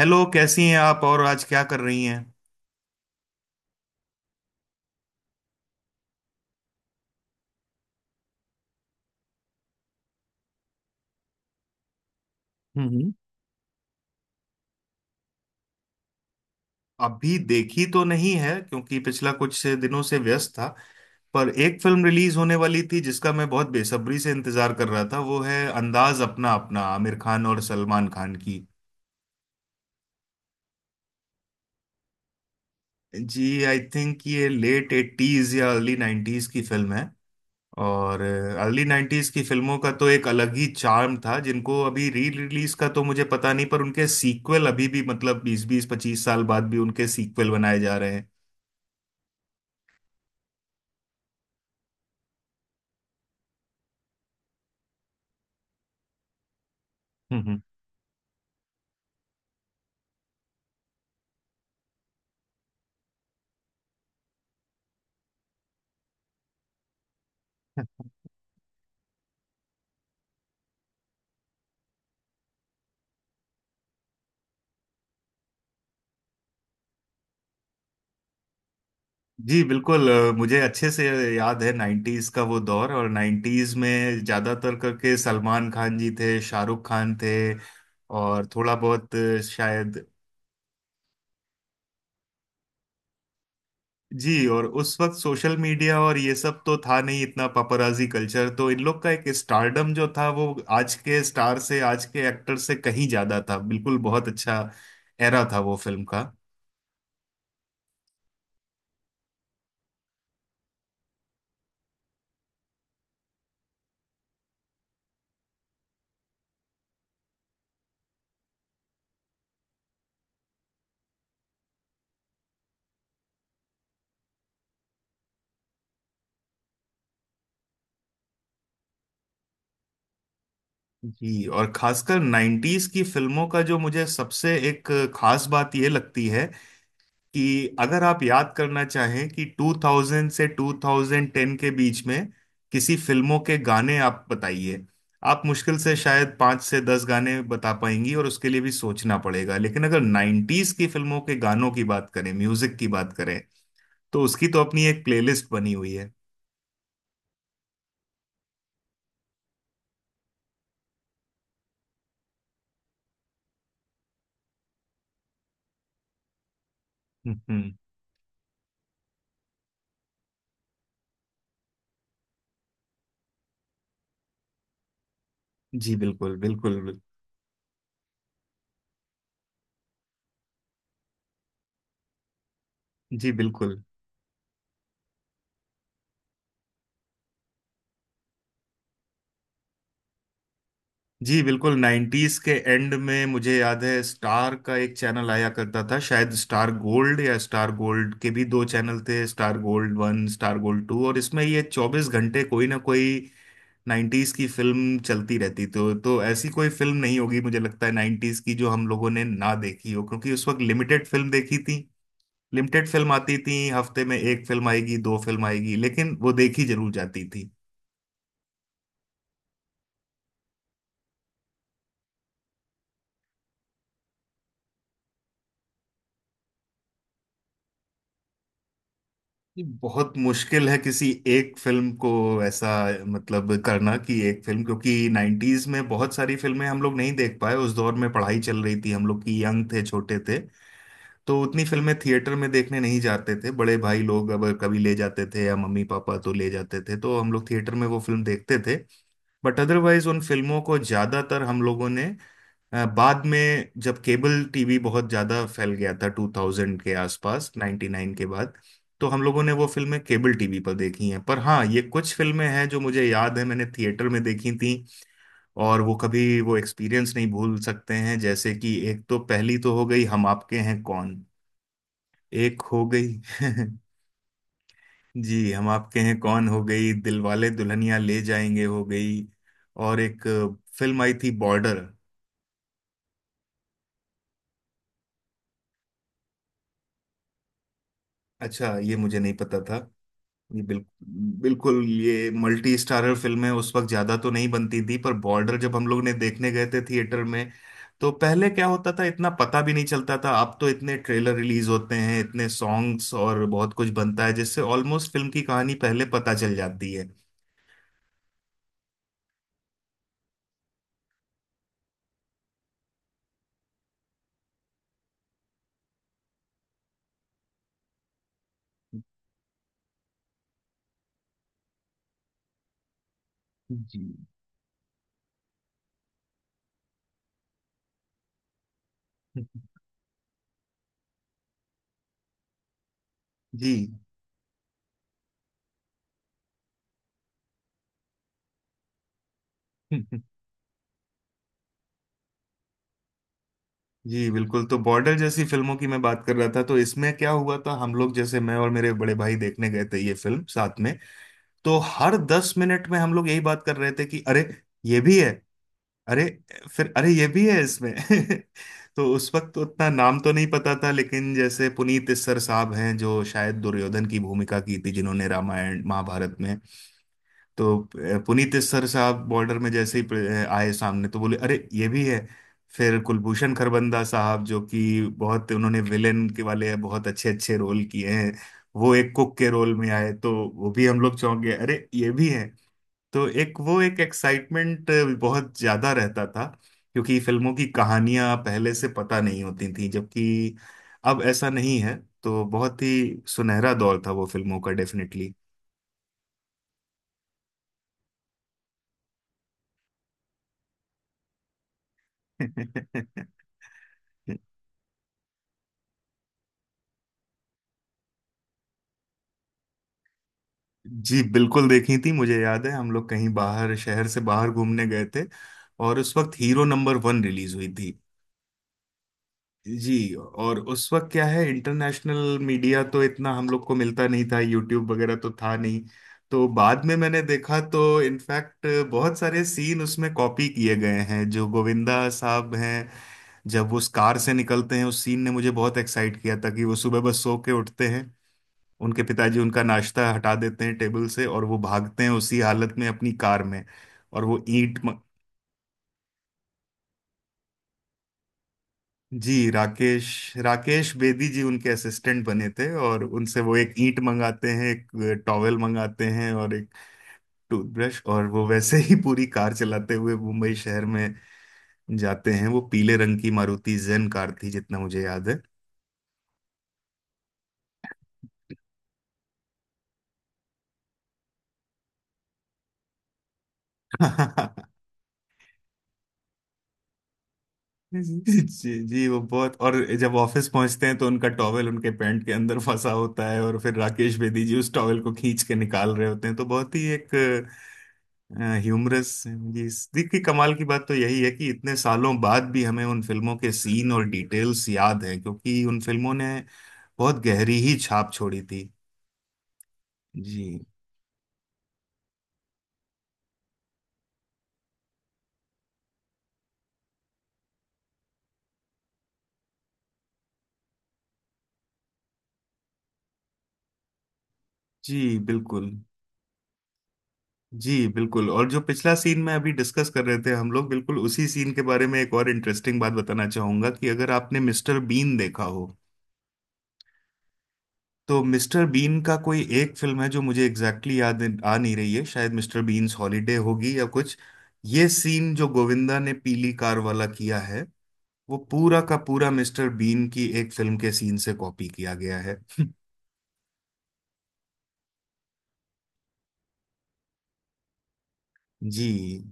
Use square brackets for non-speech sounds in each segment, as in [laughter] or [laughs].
Hello, कैसी हैं आप और आज क्या कर रही हैं। हम्म। अभी देखी तो नहीं है क्योंकि पिछला कुछ दिनों से व्यस्त था। पर एक फिल्म रिलीज होने वाली थी जिसका मैं बहुत बेसब्री से इंतजार कर रहा था, वो है अंदाज अपना अपना, आमिर खान और सलमान खान की। जी, आई थिंक ये लेट एट्टीज या अर्ली नाइन्टीज की फिल्म है। और अर्ली नाइन्टीज की फिल्मों का तो एक अलग ही चार्म था, जिनको अभी री रिलीज का तो मुझे पता नहीं, पर उनके सीक्वल अभी भी मतलब बीस बीस पच्चीस साल बाद भी उनके सीक्वल बनाए जा रहे हैं। हम्म, हम्म। जी बिल्कुल। मुझे अच्छे से याद है नाइन्टीज का वो दौर, और नाइन्टीज में ज्यादातर करके सलमान खान जी थे, शाहरुख खान थे, और थोड़ा बहुत शायद। जी। और उस वक्त सोशल मीडिया और ये सब तो था नहीं, इतना पपराजी कल्चर। तो इन लोग का एक स्टारडम जो था वो आज के स्टार से, आज के एक्टर से कहीं ज्यादा था। बिल्कुल बहुत अच्छा एरा था वो फिल्म का। जी। और खासकर नाइन्टीज की फिल्मों का जो मुझे सबसे एक खास बात ये लगती है कि अगर आप याद करना चाहें कि 2000 से 2010 के बीच में किसी फिल्मों के गाने आप बताइए, आप मुश्किल से शायद 5 से 10 गाने बता पाएंगी और उसके लिए भी सोचना पड़ेगा। लेकिन अगर 90s की फिल्मों के गानों की बात करें, म्यूजिक की बात करें, तो उसकी तो अपनी एक प्लेलिस्ट बनी हुई है। हम्म, हम्म। जी बिल्कुल बिल्कुल। जी बिल्कुल। जी बिल्कुल। नाइन्टीज के एंड में मुझे याद है, स्टार का एक चैनल आया करता था, शायद स्टार गोल्ड, या स्टार गोल्ड के भी दो चैनल थे, star gold one, star gold two, और इसमें ये 24 घंटे कोई ना कोई नाइन्टीज की फिल्म चलती रहती। तो ऐसी कोई फिल्म नहीं होगी, मुझे लगता है, नाइन्टीज की जो हम लोगों ने ना देखी हो, क्योंकि उस वक्त लिमिटेड फिल्म देखी थी। लिमिटेड फिल्म आती थी, हफ्ते में एक फिल्म आएगी, दो फिल्म आएगी, लेकिन वो देखी जरूर जाती थी। ये बहुत मुश्किल है किसी एक फिल्म को ऐसा मतलब करना कि एक फिल्म, क्योंकि नाइन्टीज में बहुत सारी फिल्में हम लोग नहीं देख पाए। उस दौर में पढ़ाई चल रही थी हम लोग की, यंग थे, छोटे थे, तो उतनी फिल्में थिएटर में देखने नहीं जाते थे। बड़े भाई लोग अब कभी ले जाते थे या मम्मी पापा तो ले जाते थे, तो हम लोग थिएटर में वो फिल्म देखते थे। बट अदरवाइज उन फिल्मों को ज्यादातर हम लोगों ने बाद में जब केबल टीवी बहुत ज्यादा फैल गया था, 2000 के आसपास, 99 के बाद, तो हम लोगों ने वो फिल्में केबल टीवी पर देखी हैं। पर हाँ, ये कुछ फिल्में हैं जो मुझे याद है मैंने थिएटर में देखी थी, और वो कभी वो एक्सपीरियंस नहीं भूल सकते हैं, जैसे कि एक तो पहली तो हो गई हम आपके हैं कौन, एक हो गई। [laughs] जी, हम आपके हैं कौन हो गई, दिलवाले दुल्हनिया ले जाएंगे हो गई, और एक फिल्म आई थी बॉर्डर। अच्छा, ये मुझे नहीं पता था। ये बिल, बिल्कुल ये मल्टी स्टारर फिल्में उस वक्त ज्यादा तो नहीं बनती थी, पर बॉर्डर जब हम लोग ने देखने गए थे थिएटर में, तो पहले क्या होता था, इतना पता भी नहीं चलता था। अब तो इतने ट्रेलर रिलीज होते हैं, इतने सॉन्ग्स और बहुत कुछ बनता है, जिससे ऑलमोस्ट फिल्म की कहानी पहले पता चल जाती है। जी। जी। [laughs] जी बिल्कुल। तो बॉर्डर जैसी फिल्मों की मैं बात कर रहा था, तो इसमें क्या हुआ था हम लोग, जैसे मैं और मेरे बड़े भाई देखने गए थे ये फिल्म साथ में, तो हर 10 मिनट में हम लोग यही बात कर रहे थे कि अरे ये भी है, अरे, फिर अरे ये भी है इसमें। [laughs] तो उस वक्त तो उतना नाम तो नहीं पता था, लेकिन जैसे पुनीत इस्सर साहब हैं जो शायद दुर्योधन की भूमिका की थी जिन्होंने रामायण महाभारत में, तो पुनीत इस्सर साहब बॉर्डर में जैसे ही आए सामने, तो बोले अरे ये भी है। फिर कुलभूषण खरबंदा साहब जो कि बहुत उन्होंने विलेन के वाले बहुत अच्छे अच्छे रोल किए हैं, वो एक कुक के रोल में आए, तो वो भी हम लोग चौंक गए, अरे ये भी है। तो एक वो एक एक्साइटमेंट बहुत ज्यादा रहता था, क्योंकि फिल्मों की कहानियां पहले से पता नहीं होती थी, जबकि अब ऐसा नहीं है। तो बहुत ही सुनहरा दौर था वो फिल्मों का डेफिनेटली। [laughs] जी बिल्कुल देखी थी, मुझे याद है हम लोग कहीं बाहर, शहर से बाहर घूमने गए थे और उस वक्त हीरो नंबर वन रिलीज हुई थी। जी। और उस वक्त क्या है, इंटरनेशनल मीडिया तो इतना हम लोग को मिलता नहीं था, यूट्यूब वगैरह तो था नहीं, तो बाद में मैंने देखा तो इनफैक्ट बहुत सारे सीन उसमें कॉपी किए गए हैं। जो गोविंदा साहब हैं, जब वो उस कार से निकलते हैं, उस सीन ने मुझे बहुत एक्साइट किया था, कि वो सुबह बस सो के उठते हैं, उनके पिताजी उनका नाश्ता हटा देते हैं टेबल से और वो भागते हैं उसी हालत में अपनी कार में। और वो ईंट। जी। राकेश राकेश बेदी जी उनके असिस्टेंट बने थे, और उनसे वो एक ईंट मंगाते हैं, एक टॉवेल मंगाते हैं और एक टूथब्रश, और वो वैसे ही पूरी कार चलाते हुए मुंबई शहर में जाते हैं। वो पीले रंग की मारुति जेन कार थी, जितना मुझे याद है। [laughs] [laughs] जी जी। वो बहुत, और जब ऑफिस पहुंचते हैं तो उनका टॉवेल उनके पैंट के अंदर फंसा होता है, और फिर राकेश बेदी जी उस टॉवेल को खींच के निकाल रहे होते हैं, तो बहुत ही एक ह्यूमरस। जी। देखिए कमाल की बात तो यही है कि इतने सालों बाद भी हमें उन फिल्मों के सीन और डिटेल्स याद हैं, क्योंकि उन फिल्मों ने बहुत गहरी ही छाप छोड़ी थी। जी। जी बिल्कुल। जी बिल्कुल, और जो पिछला सीन में अभी डिस्कस कर रहे थे हम लोग, बिल्कुल उसी सीन के बारे में एक और इंटरेस्टिंग बात बताना चाहूंगा, कि अगर आपने मिस्टर बीन देखा हो, तो मिस्टर बीन का कोई एक फिल्म है जो मुझे एग्जैक्टली exactly याद आ नहीं रही है, शायद मिस्टर बीन्स हॉलीडे होगी या कुछ। ये सीन जो गोविंदा ने पीली कार वाला किया है, वो पूरा का पूरा मिस्टर बीन की एक फिल्म के सीन से कॉपी किया गया है। [laughs] जी।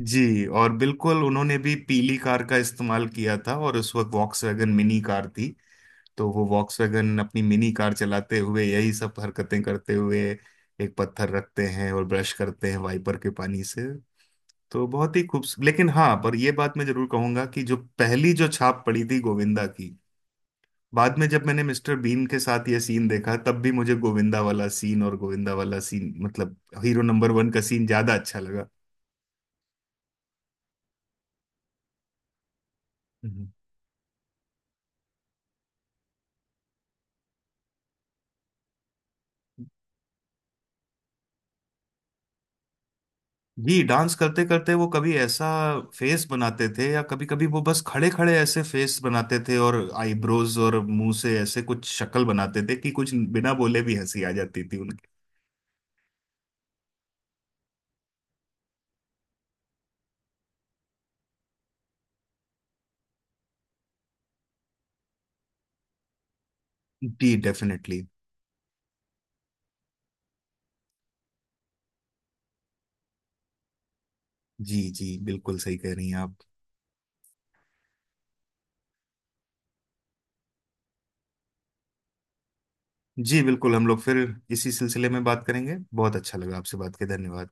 जी, और बिल्कुल उन्होंने भी पीली कार का इस्तेमाल किया था, और उस वक्त वॉक्सवैगन मिनी कार थी, तो वो वॉक्सवैगन अपनी मिनी कार चलाते हुए यही सब हरकतें करते हुए एक पत्थर रखते हैं और ब्रश करते हैं वाइपर के पानी से। तो बहुत ही खूबसूरत। लेकिन हाँ, पर ये बात मैं जरूर कहूंगा कि जो पहली जो छाप पड़ी थी गोविंदा की, बाद में जब मैंने मिस्टर बीन के साथ ये सीन देखा, तब भी मुझे गोविंदा वाला सीन, और गोविंदा वाला सीन मतलब हीरो नंबर वन का सीन, ज्यादा अच्छा लगा। हम्म। जी। डांस करते करते वो कभी ऐसा फेस बनाते थे, या कभी कभी वो बस खड़े खड़े ऐसे फेस बनाते थे, और आईब्रोज और मुंह से ऐसे कुछ शक्ल बनाते थे कि कुछ बिना बोले भी हंसी आ जाती थी उनकी। जी डेफिनेटली। जी जी बिल्कुल सही कह रही हैं आप। जी बिल्कुल। हम लोग फिर इसी सिलसिले में बात करेंगे, बहुत अच्छा लगा आपसे बात के, धन्यवाद।